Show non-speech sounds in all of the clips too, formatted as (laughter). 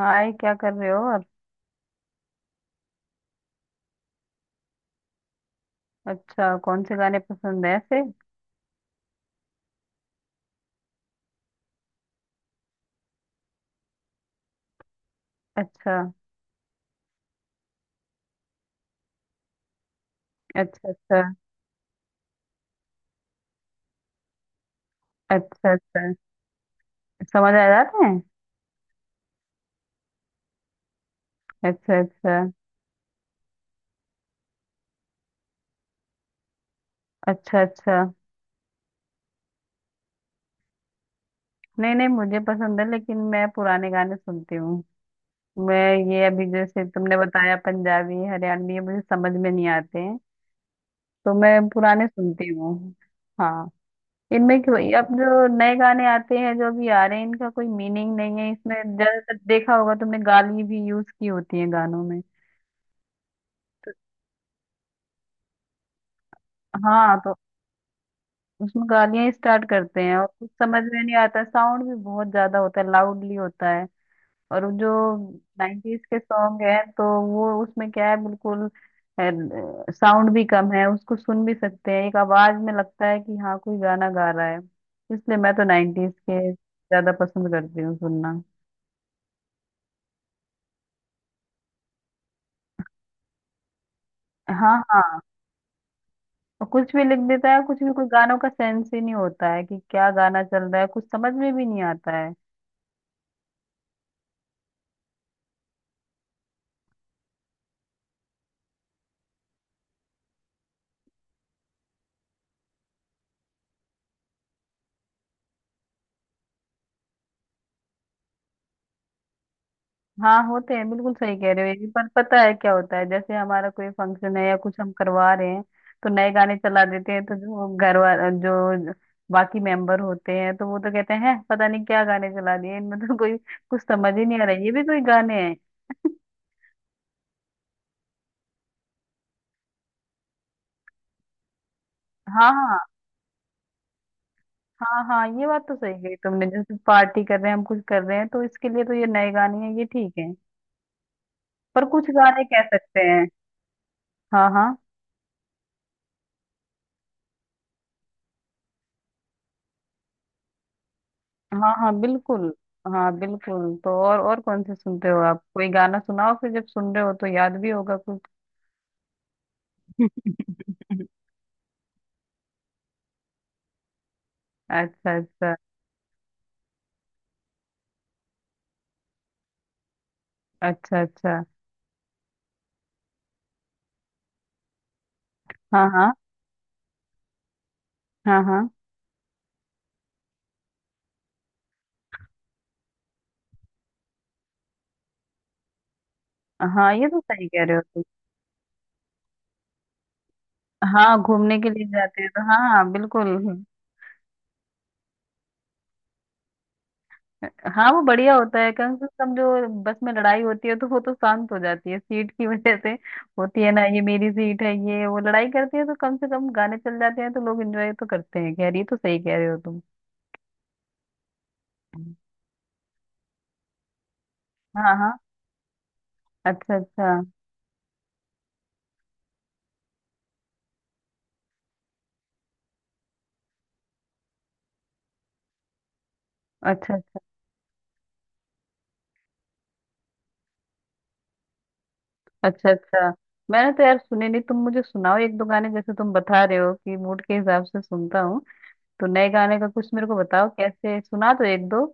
हाय, क्या कर रहे हो आप। अच्छा, कौन से गाने पसंद है ऐसे। अच्छा। अच्छा। अच्छा। अच्छा। अच्छा। समझ आ जाते हैं। अच्छा। अच्छा। अच्छा। अच्छा। नहीं नहीं, मुझे पसंद है, लेकिन मैं पुराने गाने सुनती हूँ मैं। ये अभी जैसे तुमने बताया पंजाबी हरियाणवी, ये मुझे समझ में नहीं आते हैं, तो मैं पुराने सुनती हूँ। हाँ। इनमें क्यों अब जो नए गाने आते हैं, जो अभी आ रहे हैं, इनका कोई मीनिंग नहीं है इसमें। ज्यादातर देखा होगा तुमने गाली भी यूज की होती है गानों में। हाँ तो उसमें गालियां स्टार्ट करते हैं और कुछ समझ में नहीं आता, साउंड भी बहुत ज्यादा होता है, लाउडली होता है। और वो जो नाइन्टीज के सॉन्ग है, तो वो उसमें क्या है, बिल्कुल साउंड भी कम है, उसको सुन भी सकते हैं, एक आवाज में लगता है कि हाँ कोई गाना गा रहा है। इसलिए मैं तो नाइन्टीज के ज्यादा पसंद करती हूँ सुनना। हाँ हाँ। और कुछ भी लिख देता है, कुछ भी, कोई गानों का सेंस ही नहीं होता है कि क्या गाना चल रहा है, कुछ समझ में भी नहीं आता। हाँ होते हैं, बिल्कुल सही कह रहे हो ये भी, पर पता है क्या होता है, जैसे हमारा कोई फंक्शन है या कुछ हम करवा रहे हैं तो नए गाने चला देते हैं, तो जो घर वाला जो बाकी मेंबर होते हैं, तो वो तो कहते "हैं, पता नहीं क्या गाने चला दिए, इनमें तो कोई कुछ समझ ही नहीं आ रहा है, ये भी कोई गाने हैं"। हाँ हाँ। हाँ हाँ, ये बात तो सही कही तुमने, जैसे पार्टी कर रहे हैं हम, कुछ कर रहे हैं, तो इसके लिए तो ये नए गाने हैं, ये ठीक है। पर कुछ गाने कह सकते हैं। हाँ हाँ। हाँ हाँ बिल्कुल। हाँ बिल्कुल, तो और कौन से सुनते हो आप? कोई गाना सुनाओ फिर, जब सुन रहे हो तो याद भी होगा कुछ। (laughs) अच्छा अच्छा। अच्छा अच्छा। हाँ हाँ। हाँ हाँ। हाँ ये तो सही कह रहे हो तुम। हाँ, घूमने के लिए जाते हैं तो, हाँ हाँ बिल्कुल। हाँ, वो बढ़िया होता है, कम से कम जो बस में लड़ाई होती है तो वो तो शांत हो जाती है सीट की वजह से। होती है ना, ये मेरी सीट है ये, वो लड़ाई करती है, तो कम से कम गाने चल जाते हैं तो लोग एंजॉय तो करते हैं। खैर, ये तो सही कह रहे हो तुम। हाँ हाँ। अच्छा अच्छा। अच्छा अच्छा। अच्छा, मैंने तो यार सुने नहीं, तुम मुझे सुनाओ एक दो गाने, जैसे तुम बता रहे हो कि मूड के हिसाब से सुनता हूँ, तो नए गाने का कुछ मेरे को बताओ, कैसे सुना, तो एक दो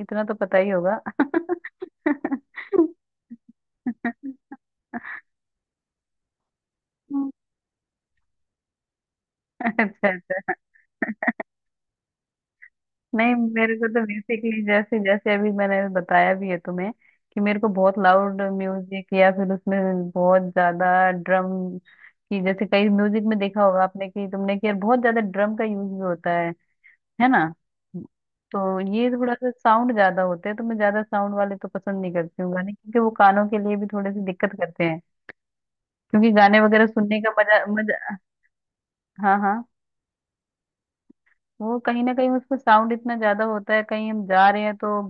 इतना तो पता ही होगा। (laughs) अच्छा अच्छा। नहीं, मेरे को तो बेसिकली जैसे, जैसे अभी मैंने बताया भी है तुम्हें कि मेरे को बहुत लाउड म्यूजिक या फिर उसमें बहुत ज्यादा ड्रम की, जैसे कई म्यूजिक में देखा होगा आपने कि तुमने, कि यार बहुत ज्यादा ड्रम का यूज भी होता है ना। तो ये थोड़ा सा साउंड ज्यादा होते हैं, तो मैं ज्यादा साउंड वाले तो पसंद नहीं करती हूँ गाने, क्योंकि वो कानों के लिए भी थोड़े से दिक्कत करते हैं। क्योंकि गाने वगैरह सुनने का मजा मजा। हाँ हाँ। वो कहीं ना कहीं उसमें साउंड इतना ज्यादा होता है, कहीं हम जा रहे हैं तो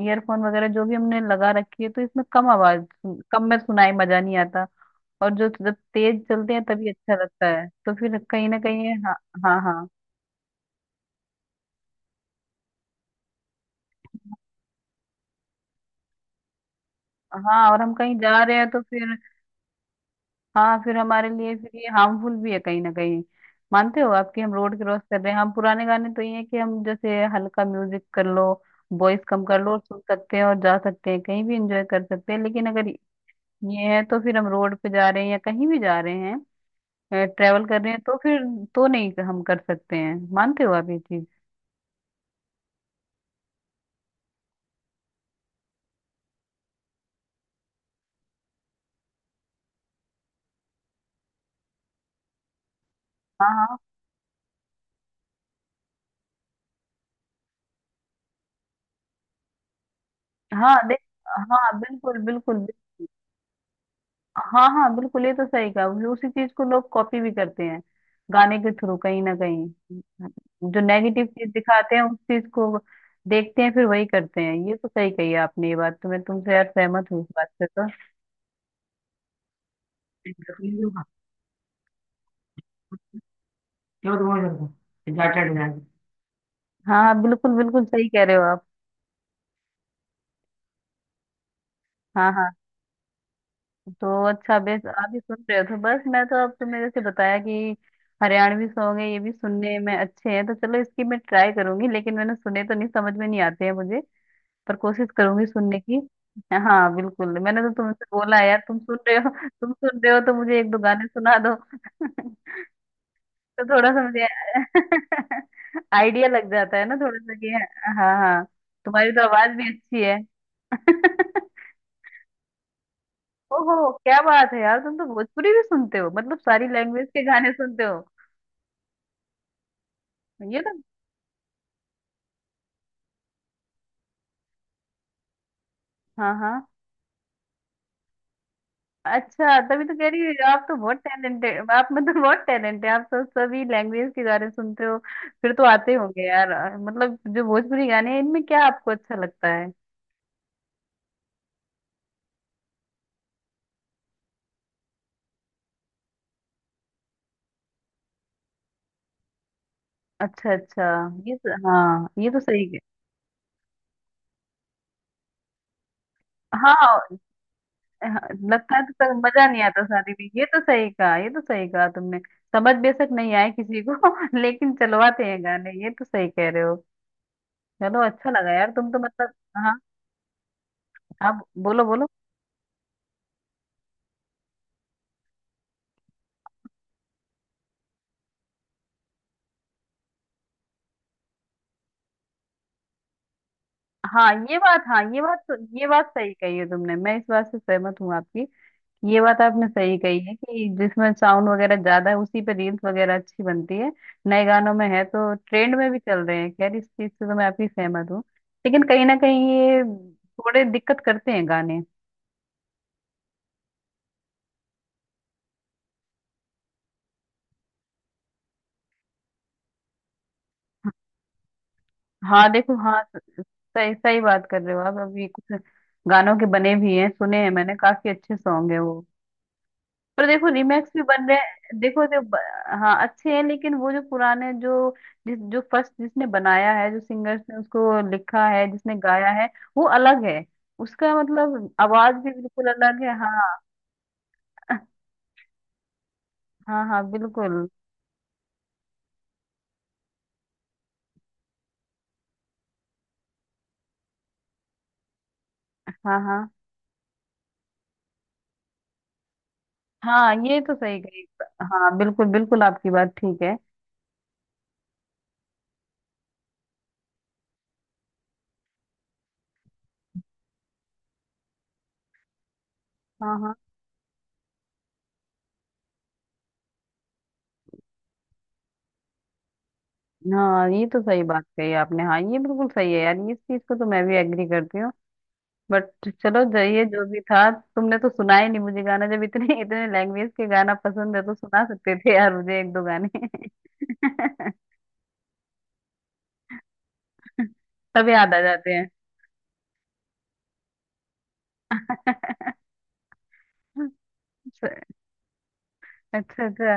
ईयरफोन वगैरह जो भी हमने लगा रखी है, तो इसमें कम आवाज सुन- कम में सुनाई मजा नहीं आता। और जो जब तेज चलते हैं तभी अच्छा लगता है, तो फिर कहीं ना कहीं ये- हाँ हाँ। हाँ हाँ, और हम कहीं जा रहे हैं तो फिर। हाँ, फिर हमारे लिए फिर ये हार्मफुल भी है कहीं ना कहीं, मानते हो आपकी? हम रोड क्रॉस कर रहे हैं हम पुराने गाने, तो ये है कि हम जैसे हल्का म्यूजिक कर लो, वॉइस कम कर लो और सुन सकते हैं, और जा सकते हैं कहीं भी एंजॉय कर सकते हैं। लेकिन अगर ये है तो फिर हम रोड पे जा रहे हैं या कहीं भी जा रहे हैं, ट्रेवल कर रहे हैं, तो फिर तो नहीं हम कर सकते हैं। मानते हो आप ये चीज? हाँ हाँ। हाँ देख, हाँ बिल्कुल बिल्कुल। हाँ हाँ बिल्कुल, ये तो सही कहा। उस- उसी चीज को लोग कॉपी भी करते हैं गाने के थ्रू कहीं ना कहीं। जो नेगेटिव चीज दिखाते हैं उस चीज को देखते हैं फिर वही करते हैं। ये तो सही कही आपने, ये बात तो मैं तुमसे यार सहमत हूँ इस बात से तो। क्या तुम्हारे घर पे एग्जैक्टेड है। हाँ बिल्कुल बिल्कुल, सही कह रहे हो आप। हाँ हाँ। तो अच्छा बेस आप भी सुन रहे हो, तो बस मैं तो अब, तुमने जैसे बताया कि हरियाणवी सॉन्ग है, ये भी सुनने में अच्छे हैं, तो चलो इसकी मैं ट्राई करूंगी, लेकिन मैंने सुने तो नहीं, समझ में नहीं आते हैं मुझे। पर कोशिश करूंगी सुनने की। हाँ बिल्कुल, मैंने तो तुमसे बोला है, यार तुम सुन रहे हो, तुम सुन रहे हो तो मुझे एक दो गाने सुना दो। (laughs) तो थोड़ा सा मुझे (laughs) आइडिया लग जाता है ना थोड़ा सा कि। हाँ हाँ, तुम्हारी तो आवाज भी अच्छी है। (laughs) ओहो, क्या बात है यार, तुम तो भोजपुरी भी सुनते हो, मतलब सारी लैंग्वेज के गाने सुनते हो। ये तो। हाँ हाँ। अच्छा, तभी तो कह रही हूँ, आप तो बहुत टैलेंटेड, आप मतलब बहुत टैलेंट है आप तो, सभी लैंग्वेज के गाने सुनते हो। फिर तो आते होंगे यार, मतलब जो भोजपुरी गाने हैं, इनमें क्या आपको अच्छा लगता है? अच्छा अच्छा। ये तो हाँ, ये तो सही है। हाँ हाँ, लगता है तो तब मजा नहीं आता शादी में, ये तो सही कहा, ये तो सही कहा तुमने। समझ बेशक नहीं आए किसी को (laughs) लेकिन चलवाते हैं गाने, ये तो सही कह रहे हो। चलो अच्छा लगा यार तुम तो मतलब। हाँ, आप बोलो बोलो। हाँ ये बात, हाँ ये बात तो, ये बात सही कही है तुमने, मैं इस बात से सहमत हूँ आपकी। ये बात आपने सही कही है कि जिसमें साउंड वगैरह ज्यादा है उसी पे रील्स वगैरह अच्छी बनती है, नए गानों में है, तो ट्रेंड में भी चल रहे हैं। खैर, इस चीज से तो मैं आपकी सहमत हूँ। लेकिन कहीं ना कहीं ये थोड़े दिक्कत करते हैं गाने। हाँ देखो, हाँ स- सही सही बात कर रहे हो आप। अभी कुछ गानों के बने भी हैं, सुने हैं मैंने, काफी अच्छे सॉन्ग है वो। पर देखो रीमेक्स भी बन रहे हैं, देखो जो ब- हाँ अच्छे हैं, लेकिन वो जो पुराने जो, जिस जो फर्स्ट जिसने बनाया है, जो सिंगर्स ने उसको लिखा है, जिसने गाया है, वो अलग है। उसका मतलब आवाज भी बिल्कुल अलग है। हाँ हाँ। हाँ बिल्कुल। हाँ हाँ। हाँ ये तो सही कही। हाँ बिल्कुल बिल्कुल, आपकी बात ठीक है। हाँ हाँ। हाँ ये तो सही बात कही आपने। हाँ ये बिल्कुल सही है यार, इस चीज को तो मैं भी एग्री करती हूँ। बट चलो, जाइए, जो भी था, तुमने तो सुना ही नहीं मुझे गाना, जब इतने इतने लैंग्वेज के गाना पसंद है तो सुना सकते थे यार मुझे एक दो गाने। (laughs) तब याद आ जाते हैं। (laughs) अच्छा अच्छा।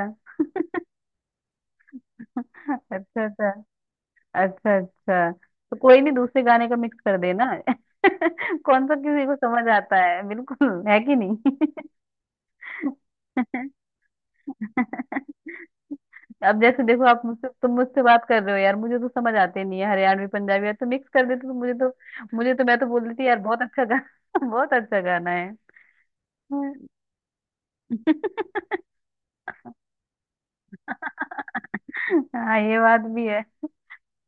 अच्छा अच्छा। अच्छा अच्छा, तो कोई नहीं दूसरे गाने का मिक्स कर देना। (laughs) कौन सा किसी को समझ आता है, बिल्कुल है कि नहीं। (laughs) अब जैसे देखो आप मुझसे, तुम मुझसे बात कर रहे हो यार, मुझे तो समझ आते नहीं है हरियाणवी पंजाबी यार, तो मिक्स कर देते तो मुझे तो, मुझे तो, मैं तो बोल देती यार बहुत अच्छा गाना (laughs) बहुत अच्छा गाना है। (laughs) हाँ ये बात भी है।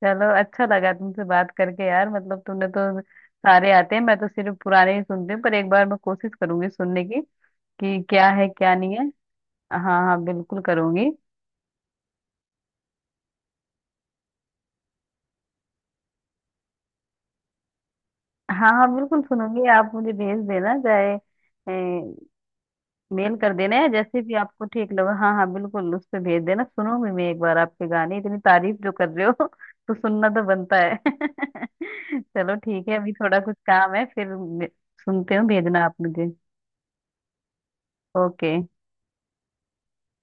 चलो अच्छा लगा तुमसे बात करके यार, मतलब तुमने तो सारे आते हैं, मैं तो सिर्फ पुराने ही सुनती हूँ, पर एक बार मैं कोशिश करूंगी सुनने की कि क्या है क्या नहीं है। हाँ। हाँ बिल्कुल करूंगी। हाँ हाँ बिल्कुल सुनूंगी, आप मुझे भेज देना, चाहे मेल कर देना है, जैसे भी आपको ठीक लगे, हाँ हाँ बिल्कुल उस पे भेज देना, सुनूंगी मैं एक बार आपके गाने, इतनी तारीफ जो कर रहे हो (laughs) तो सुनना तो बनता है। (laughs) चलो ठीक है, अभी थोड़ा कुछ काम है, फिर मे- सुनते हो, भेजना आप मुझे। ओके।